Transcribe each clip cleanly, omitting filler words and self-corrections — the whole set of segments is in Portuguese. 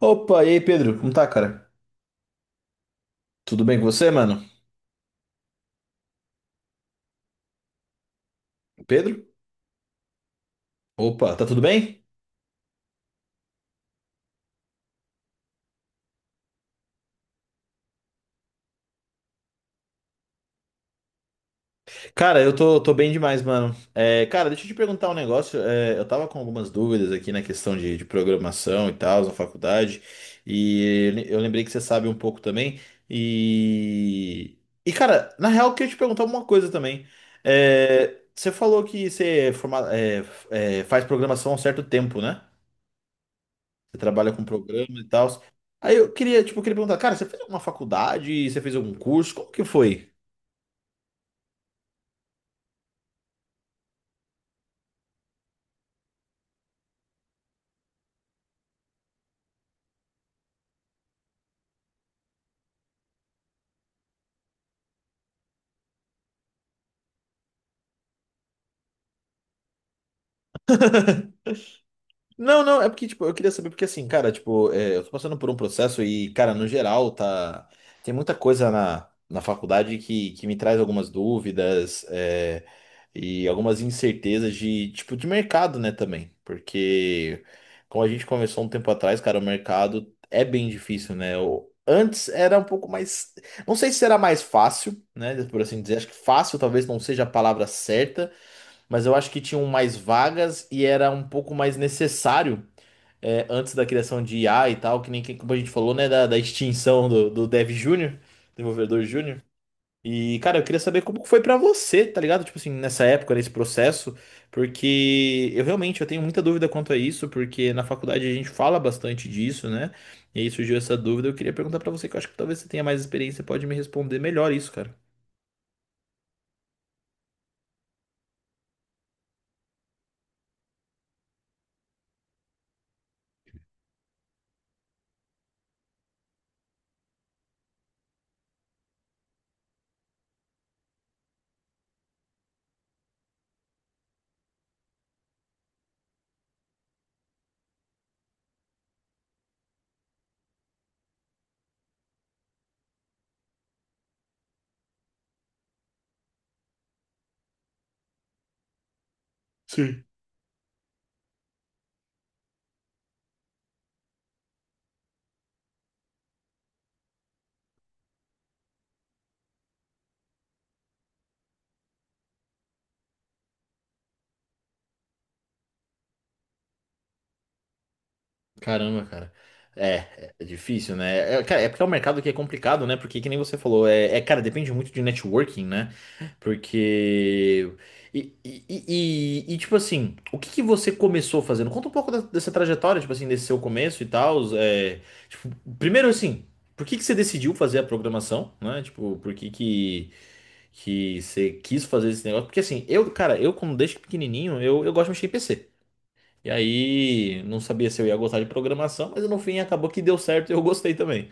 Opa, e aí, Pedro? Como tá, cara? Tudo bem com você, mano? Pedro? Opa, tá tudo bem? Cara, eu tô bem demais, mano. É, cara, deixa eu te perguntar um negócio. É, eu tava com algumas dúvidas aqui na questão de programação e tal, na faculdade. E le- eu lembrei que você sabe um pouco também. E. E, cara, na real, eu queria te perguntar uma coisa também. É, você falou que você faz programação há um certo tempo, né? Você trabalha com programa e tal. Aí eu queria, tipo, eu queria perguntar, cara, você fez alguma faculdade? Você fez algum curso? Como que foi? Não, não, é porque, tipo, eu queria saber, porque assim, cara, tipo, é, eu tô passando por um processo e, cara, no geral, tá. Tem muita coisa na faculdade que me traz algumas dúvidas, é, e algumas incertezas de, tipo, de mercado, né, também. Porque, como a gente conversou um tempo atrás, cara, o mercado é bem difícil, né? O- antes era um pouco mais. Não sei se era mais fácil, né, por assim dizer. Acho que fácil talvez não seja a palavra certa, mas eu acho que tinham mais vagas e era um pouco mais necessário, é, antes da criação de IA e tal, que nem que- como a gente falou, né, da extinção do, do Dev Júnior, desenvolvedor júnior. E, cara, eu queria saber como foi pra você, tá ligado? Tipo assim, nessa época, nesse processo, porque eu realmente eu tenho muita dúvida quanto a isso, porque na faculdade a gente fala bastante disso, né? E aí surgiu essa dúvida, eu queria perguntar pra você, que eu acho que talvez você tenha mais experiência, pode me responder melhor isso, cara. Sim. Caramba, cara. É, é difícil, né? É, é, cara, é porque é um mercado que é complicado, né? Porque, que nem você falou, é, é, cara, depende muito de networking, né? Porque. E, tipo assim, o que que você começou fazendo? Conta um pouco da- dessa trajetória, tipo assim, desse seu começo e tal. É, tipo, primeiro, assim, por que que você decidiu fazer a programação, né? Tipo, por que que você quis fazer esse negócio? Porque, assim, eu, cara, eu, como desde pequenininho, eu gosto de mexer em PC. E aí, não sabia se eu ia gostar de programação, mas no fim acabou que deu certo e eu gostei também.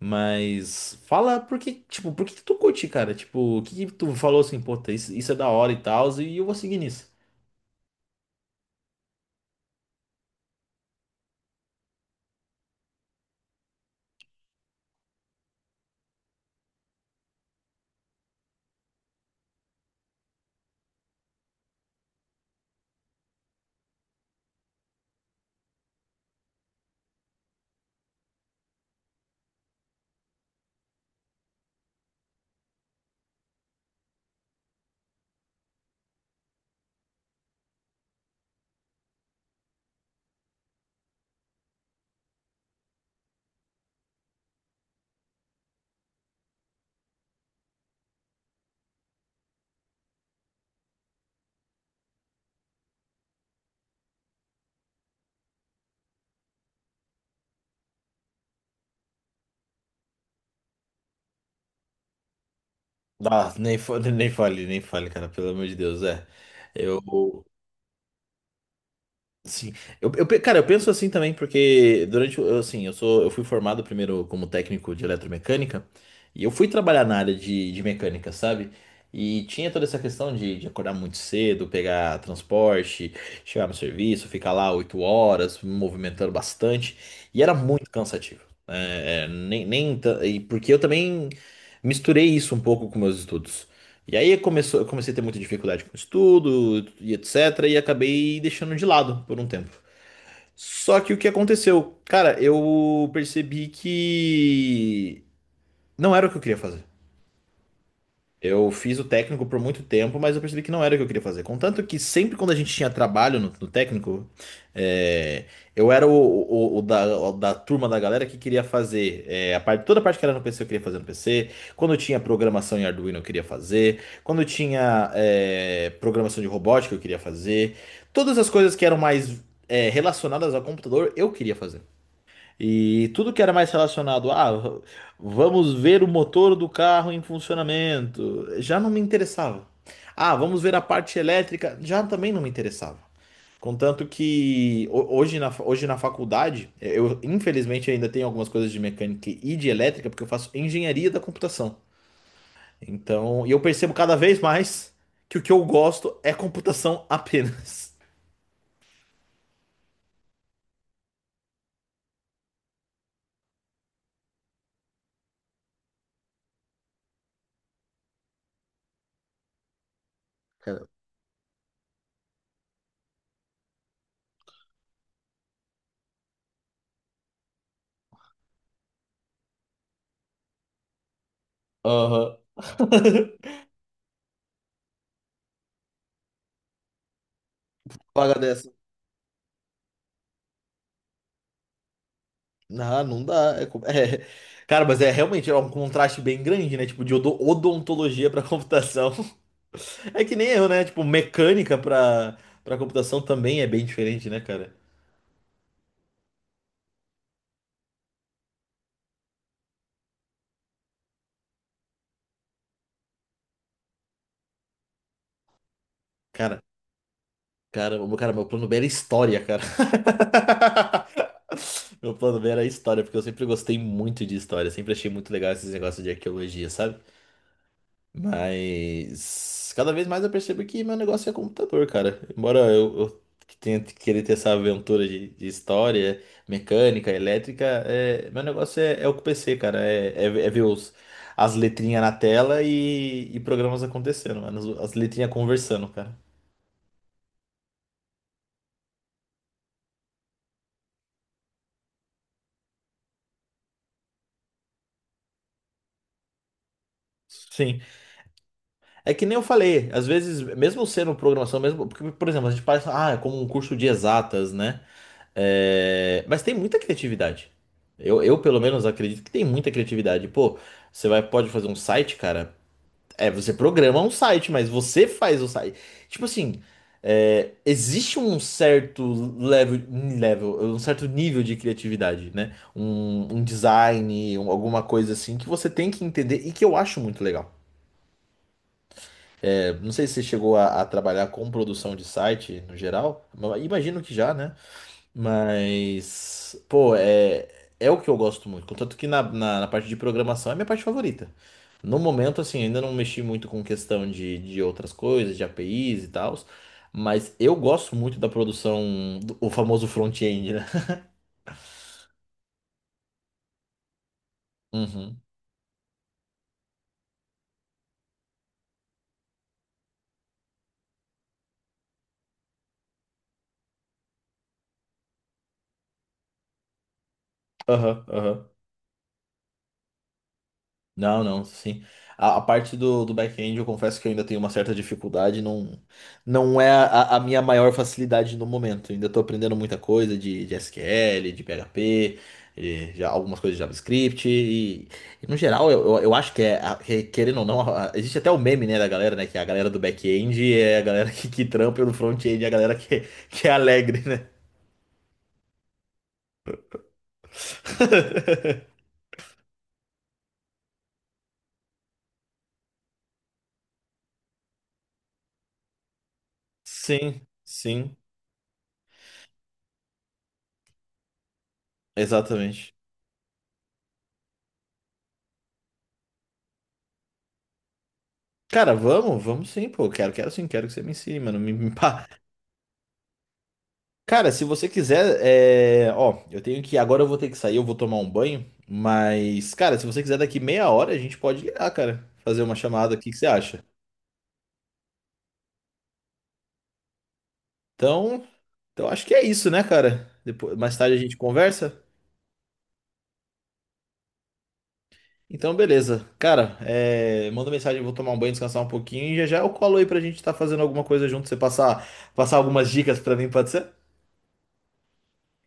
Mas fala por que, tipo, por que que tu curte, cara? Tipo, o que que tu falou assim, puta, isso é da hora e tal, e eu vou seguir nisso. Ah, nem, nem fale, nem fale, cara, pelo amor de Deus, é. Eu, sim, eu, pe- cara, eu penso assim também, porque durante, o- eu, assim, eu sou, eu fui formado primeiro como técnico de eletromecânica, e eu fui trabalhar na área de mecânica, sabe? E tinha toda essa questão de acordar muito cedo, pegar transporte, chegar no serviço, ficar lá 8 horas, me movimentando bastante, e era muito cansativo. É, nem, nem, ta- e porque eu também misturei isso um pouco com meus estudos. E aí começou, eu comecei a ter muita dificuldade com estudo e etc. E acabei deixando de lado por um tempo. Só que o que aconteceu? Cara, eu percebi que não era o que eu queria fazer. Eu fiz o técnico por muito tempo, mas eu percebi que não era o que eu queria fazer. Contanto que sempre quando a gente tinha trabalho no técnico, é, eu era o da turma da galera que queria fazer. É, a parte, toda a parte que era no PC eu queria fazer no PC. Quando eu tinha programação em Arduino eu queria fazer. Quando eu tinha, é, programação de robótica eu queria fazer. Todas as coisas que eram mais, é, relacionadas ao computador eu queria fazer. E tudo que era mais relacionado a, ah, vamos ver o motor do carro em funcionamento, já não me interessava. Ah, vamos ver a parte elétrica, já também não me interessava. Contanto que hoje na, hoje na faculdade, eu infelizmente ainda tenho algumas coisas de mecânica e de elétrica, porque eu faço engenharia da computação. Então, e eu percebo cada vez mais que o que eu gosto é computação apenas. Cara, aham. Paga dessa. Não, não dá. Cara, mas é realmente é um contraste bem grande, né? Tipo, de odo- odontologia pra computação. É que nem eu, né? Tipo, mecânica pra para computação também é bem diferente, né, cara? Cara, cara, o- cara, meu plano B era história, cara. Meu plano B era história, porque eu sempre gostei muito de história, sempre achei muito legal esses negócios de arqueologia, sabe? Mas cada vez mais eu percebo que meu negócio é computador, cara. Embora eu que tenha que querer ter essa aventura de história, mecânica, elétrica, é, meu negócio é, é o PC, cara. É, é, é ver os, as letrinhas na tela e programas acontecendo, mano. As letrinhas conversando, cara. Sim. É que nem eu falei, às vezes, mesmo sendo programação, mesmo, porque, por exemplo, a gente faz, ah, é como um curso de exatas, né? É, mas tem muita criatividade. Eu, pelo menos, acredito que tem muita criatividade. Pô, você vai, pode fazer um site, cara. É, você programa um site, mas você faz o site. Tipo assim, é, existe um certo level, um certo nível de criatividade, né? Um design, um- alguma coisa assim que você tem que entender e que eu acho muito legal. Não sei se você chegou a trabalhar com produção de site no geral, ma- imagino que já, né? Mas, pô, é, é o que eu gosto muito. Contanto que na, na parte de programação é a minha parte favorita. No momento, assim, ainda não mexi muito com questão de outras coisas, de APIs e tal, mas eu gosto muito da produção, do- o famoso front-end, né? Uhum. Aham, aham. Não, não, sim. A parte do, do back-end, eu confesso que eu ainda tenho uma certa dificuldade, não, não é a minha maior facilidade no momento. Eu ainda estou aprendendo muita coisa de SQL, de PHP, de, já, algumas coisas de JavaScript, e no geral, eu acho que é, a- que, querendo ou não, a- existe até o meme, né, da galera, né, que a galera do back-end é a galera que trampa e o do front-end é a galera que é alegre, né? Sim, sim, exatamente. Cara, vamos, vamos sim, pô. Quero, quero sim, quero que você me ensine, mano. Me pá. Cara, se você quiser, é... ó, eu tenho que. Agora eu vou ter que sair, eu vou tomar um banho. Mas, cara, se você quiser daqui meia hora, a gente pode ligar, cara. Fazer uma chamada aqui, o que você acha? Então, então acho que é isso, né, cara? Depois, mais tarde a gente conversa. Então, beleza. Cara, é... manda mensagem, eu vou tomar um banho, descansar um pouquinho e já já eu colo aí pra gente tá fazendo alguma coisa junto. Você passar, passar algumas dicas pra mim, pode ser?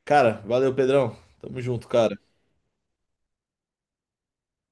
Cara, valeu, Pedrão. Tamo junto, cara.